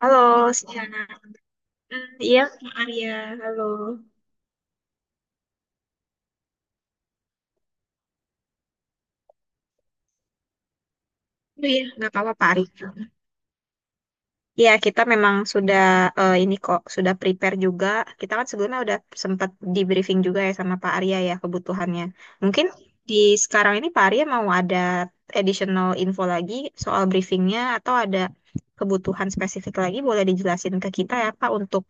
Halo, Siana. Hmm, iya, Kak Arya. Halo. Oh, iya, nggak apa-apa, Pak Ari. Iya, kita memang sudah ini kok, sudah prepare juga. Kita kan sebelumnya udah sempat di briefing juga ya sama Pak Arya ya kebutuhannya. Mungkin di sekarang ini Pak Arya mau ada additional info lagi soal briefingnya atau ada kebutuhan spesifik lagi boleh dijelasin ke kita ya Pak untuk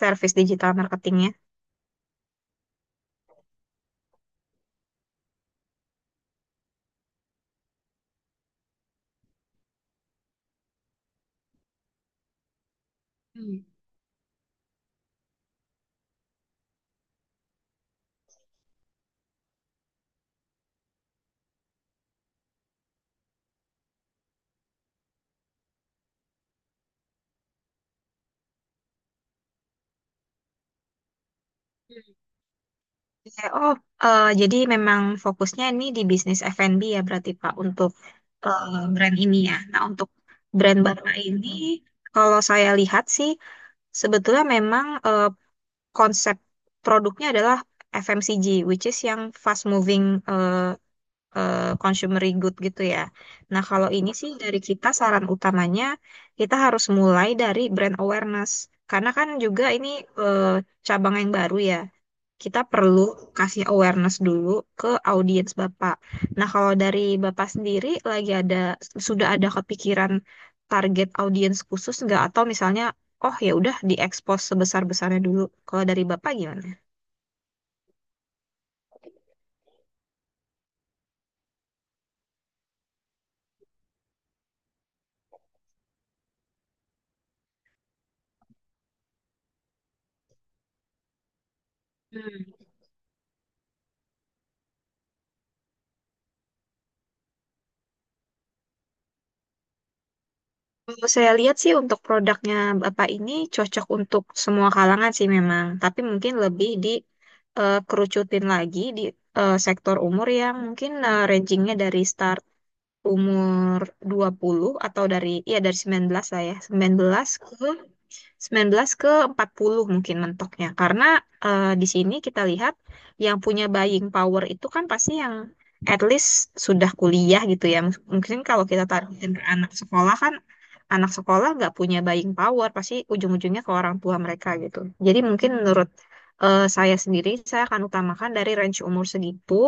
service digital marketingnya. Hmm. Iya. Oh, jadi memang fokusnya ini di bisnis F&B ya berarti Pak untuk brand ini ya. Nah, untuk brand Bapak ini kalau saya lihat sih sebetulnya memang konsep produknya adalah FMCG which is yang fast moving eh, consumer good gitu ya. Nah, kalau ini sih dari kita saran utamanya kita harus mulai dari brand awareness karena kan juga ini eh, cabang yang baru ya, kita perlu kasih awareness dulu ke audiens Bapak. Nah, kalau dari Bapak sendiri lagi ada sudah ada kepikiran target audiens khusus nggak atau misalnya oh ya udah diekspos sebesar-besarnya dulu. Kalau dari Bapak gimana? Hmm. Kalau saya lihat sih untuk produknya Bapak ini cocok untuk semua kalangan sih memang, tapi mungkin lebih di kerucutin lagi di sektor umur yang mungkin rangingnya dari start umur 20 atau dari ya dari 19 lah ya, 19 ke 19 ke 40 mungkin mentoknya. Karena di sini kita lihat yang punya buying power itu kan pasti yang at least sudah kuliah gitu ya. Mungkin kalau kita taruh anak sekolah kan anak sekolah nggak punya buying power, pasti ujung-ujungnya ke orang tua mereka gitu. Jadi mungkin menurut saya sendiri, saya akan utamakan dari range umur segitu,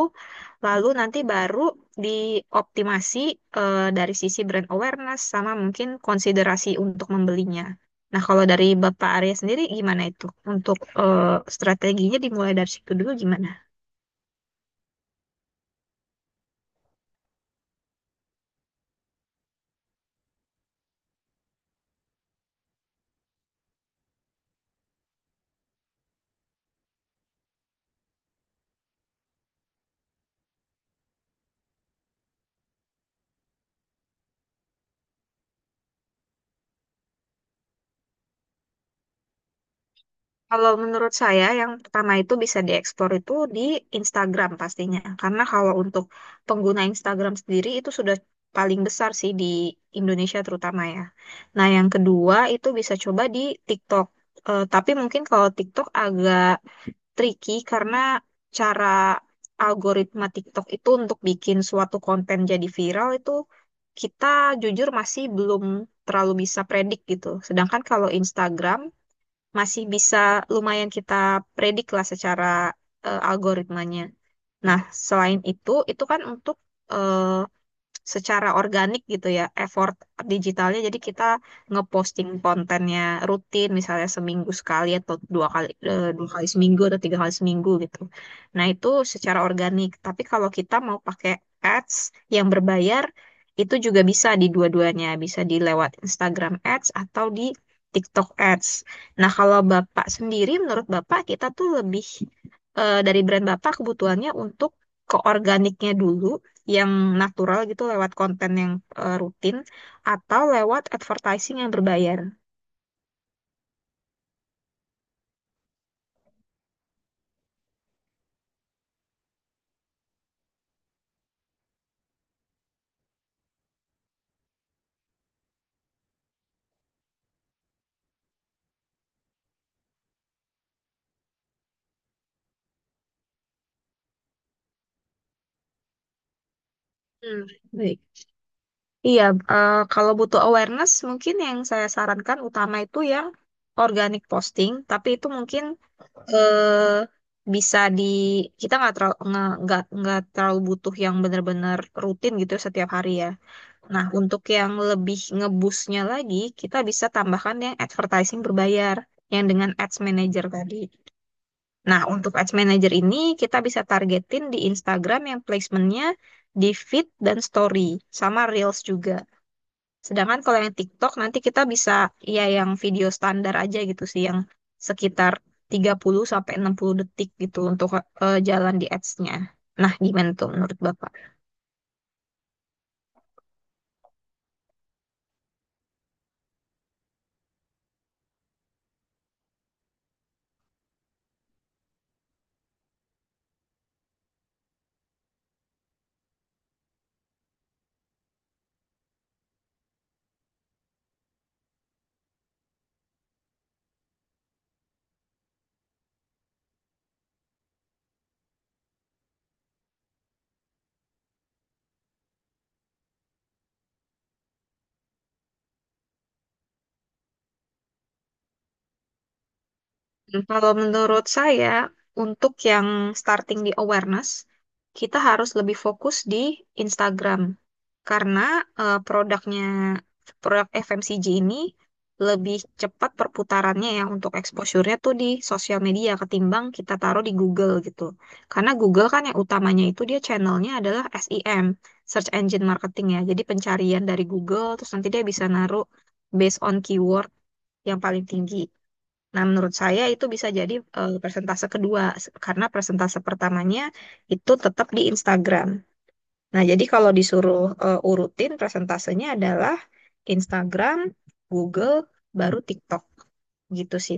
lalu nanti baru dioptimasi dari sisi brand awareness sama mungkin konsiderasi untuk membelinya. Nah, kalau dari Bapak Arya sendiri gimana itu? Untuk strateginya dimulai dari situ dulu gimana? Kalau menurut saya yang pertama itu bisa dieksplor itu di Instagram pastinya. Karena kalau untuk pengguna Instagram sendiri itu sudah paling besar sih di Indonesia terutama ya. Nah, yang kedua itu bisa coba di TikTok. Tapi mungkin kalau TikTok agak tricky, karena cara algoritma TikTok itu untuk bikin suatu konten jadi viral itu kita jujur masih belum terlalu bisa predik gitu. Sedangkan kalau Instagram masih bisa lumayan kita predik lah secara algoritmanya. Nah, selain itu kan untuk eh, secara organik gitu ya effort digitalnya, jadi kita ngeposting kontennya rutin misalnya seminggu sekali atau dua kali seminggu atau tiga kali seminggu gitu. Nah itu secara organik, tapi kalau kita mau pakai ads yang berbayar itu juga bisa di dua-duanya, bisa di lewat Instagram ads atau di TikTok ads. Nah, kalau bapak sendiri menurut bapak kita tuh lebih dari brand bapak kebutuhannya untuk ke organiknya dulu yang natural gitu lewat konten yang rutin, atau lewat advertising yang berbayar. Hmm, baik. Iya, kalau butuh awareness mungkin yang saya sarankan utama itu yang organic posting, tapi itu mungkin eh, bisa kita nggak terlalu butuh yang benar-benar rutin gitu setiap hari ya. Nah, untuk yang lebih ngebusnya lagi, kita bisa tambahkan yang advertising berbayar, yang dengan ads manager tadi. Nah, untuk Ads Manager ini kita bisa targetin di Instagram yang placementnya di feed dan story, sama Reels juga. Sedangkan kalau yang TikTok nanti kita bisa ya yang video standar aja gitu sih, yang sekitar 30 sampai 60 detik gitu untuk jalan di ads-nya. Nah, gimana tuh menurut Bapak? Hmm. Kalau menurut saya, untuk yang starting di awareness, kita harus lebih fokus di Instagram karena produknya produk FMCG ini lebih cepat perputarannya ya untuk exposure-nya tuh di sosial media ketimbang kita taruh di Google gitu. Karena Google kan yang utamanya itu dia channelnya adalah SEM, Search Engine Marketing ya. Jadi pencarian dari Google, terus nanti dia bisa naruh based on keyword yang paling tinggi. Nah, menurut saya itu bisa jadi persentase kedua karena persentase pertamanya itu tetap di Instagram. Nah, jadi kalau disuruh urutin persentasenya adalah Instagram, Google, baru TikTok gitu sih.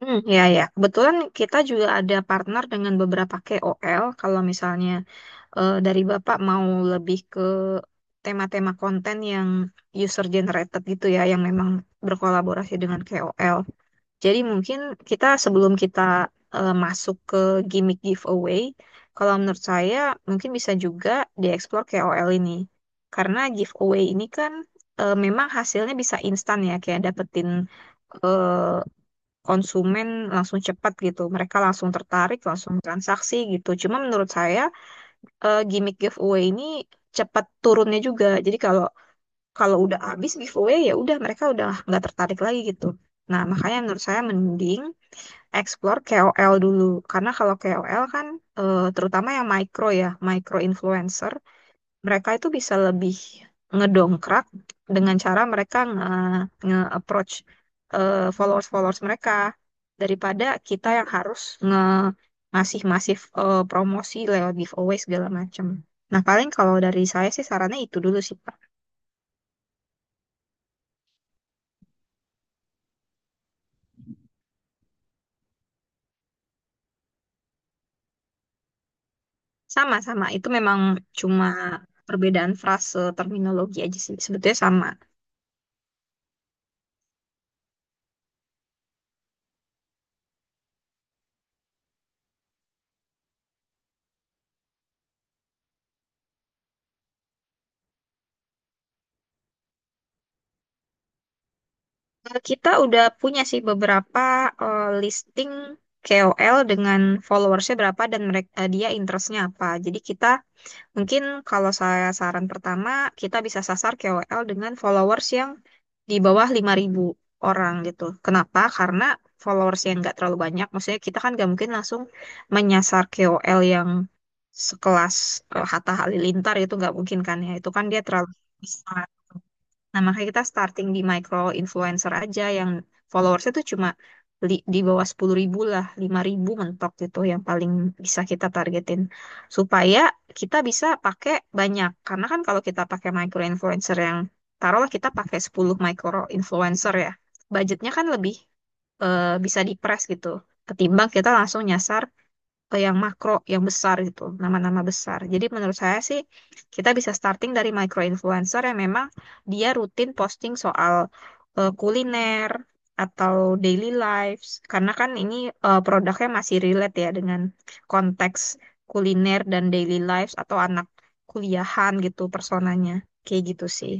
Hmm, ya, ya. Kebetulan kita juga ada partner dengan beberapa KOL. Kalau misalnya dari Bapak mau lebih ke tema-tema konten yang user generated gitu ya, yang memang berkolaborasi dengan KOL. Jadi mungkin kita sebelum kita masuk ke gimmick giveaway, kalau menurut saya mungkin bisa juga dieksplor KOL ini. Karena giveaway ini kan memang hasilnya bisa instan ya, kayak dapetin eh, konsumen langsung cepat gitu. Mereka langsung tertarik, langsung transaksi gitu. Cuma menurut saya gimmick giveaway ini cepat turunnya juga. Jadi kalau kalau udah habis giveaway ya udah mereka udah nggak tertarik lagi gitu. Nah, makanya menurut saya mending explore KOL dulu. Karena kalau KOL kan terutama yang micro ya, micro influencer, mereka itu bisa lebih ngedongkrak dengan cara mereka nge-approach followers-followers mereka daripada kita yang harus nge ngasih masif promosi lewat giveaway segala macam. Nah, paling kalau dari saya sih sarannya itu dulu sih, Pak. Sama-sama, itu memang cuma perbedaan frase terminologi aja sih. Sebetulnya sama. Kita udah punya sih beberapa listing KOL dengan followersnya berapa dan mereka dia interestnya apa. Jadi kita mungkin kalau saya saran pertama kita bisa sasar KOL dengan followers yang di bawah 5.000 orang gitu. Kenapa? Karena followers yang nggak terlalu banyak. Maksudnya kita kan nggak mungkin langsung menyasar KOL yang sekelas Hatta Halilintar, itu nggak mungkin kan ya. Itu kan dia terlalu besar. Nah, makanya kita starting di micro influencer aja yang followersnya tuh cuma di bawah 10.000 lah, 5.000 mentok gitu yang paling bisa kita targetin. Supaya kita bisa pakai banyak. Karena kan kalau kita pakai micro influencer yang, taruhlah kita pakai 10 micro influencer ya, budgetnya kan lebih bisa dipres gitu. Ketimbang kita langsung nyasar ke yang makro, yang besar gitu, nama-nama besar. Jadi menurut saya sih kita bisa starting dari micro influencer yang memang dia rutin posting soal kuliner atau daily lives, karena kan ini produknya masih relate ya dengan konteks kuliner dan daily lives, atau anak kuliahan gitu personanya. Kayak gitu sih.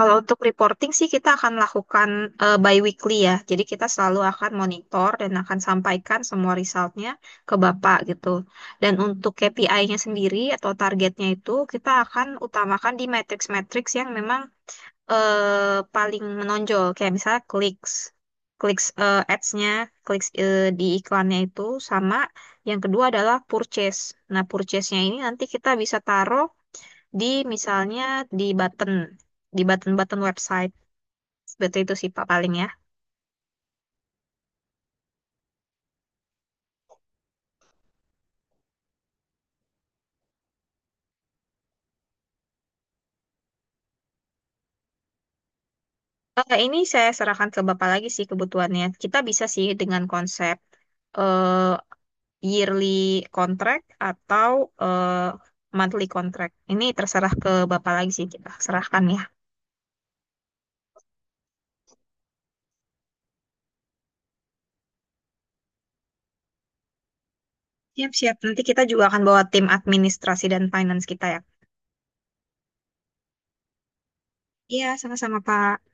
Kalau untuk reporting sih kita akan lakukan bi-weekly ya. Jadi kita selalu akan monitor dan akan sampaikan semua resultnya ke Bapak gitu. Dan untuk KPI-nya sendiri atau targetnya itu kita akan utamakan di matrix-matrix yang memang paling menonjol. Kayak misalnya clicks, clicks ads-nya, clicks di iklannya itu sama. Yang kedua adalah purchase. Nah, purchase-nya ini nanti kita bisa taruh di misalnya di button, di button-button website. Seperti itu sih Pak paling ya. Ini saya serahkan ke Bapak lagi sih kebutuhannya. Kita bisa sih dengan konsep eh, yearly contract atau eh, monthly contract. Ini terserah ke Bapak lagi sih kita serahkan ya. Siap-siap. Nanti kita juga akan bawa tim administrasi dan finance kita ya. Iya, sama-sama Pak.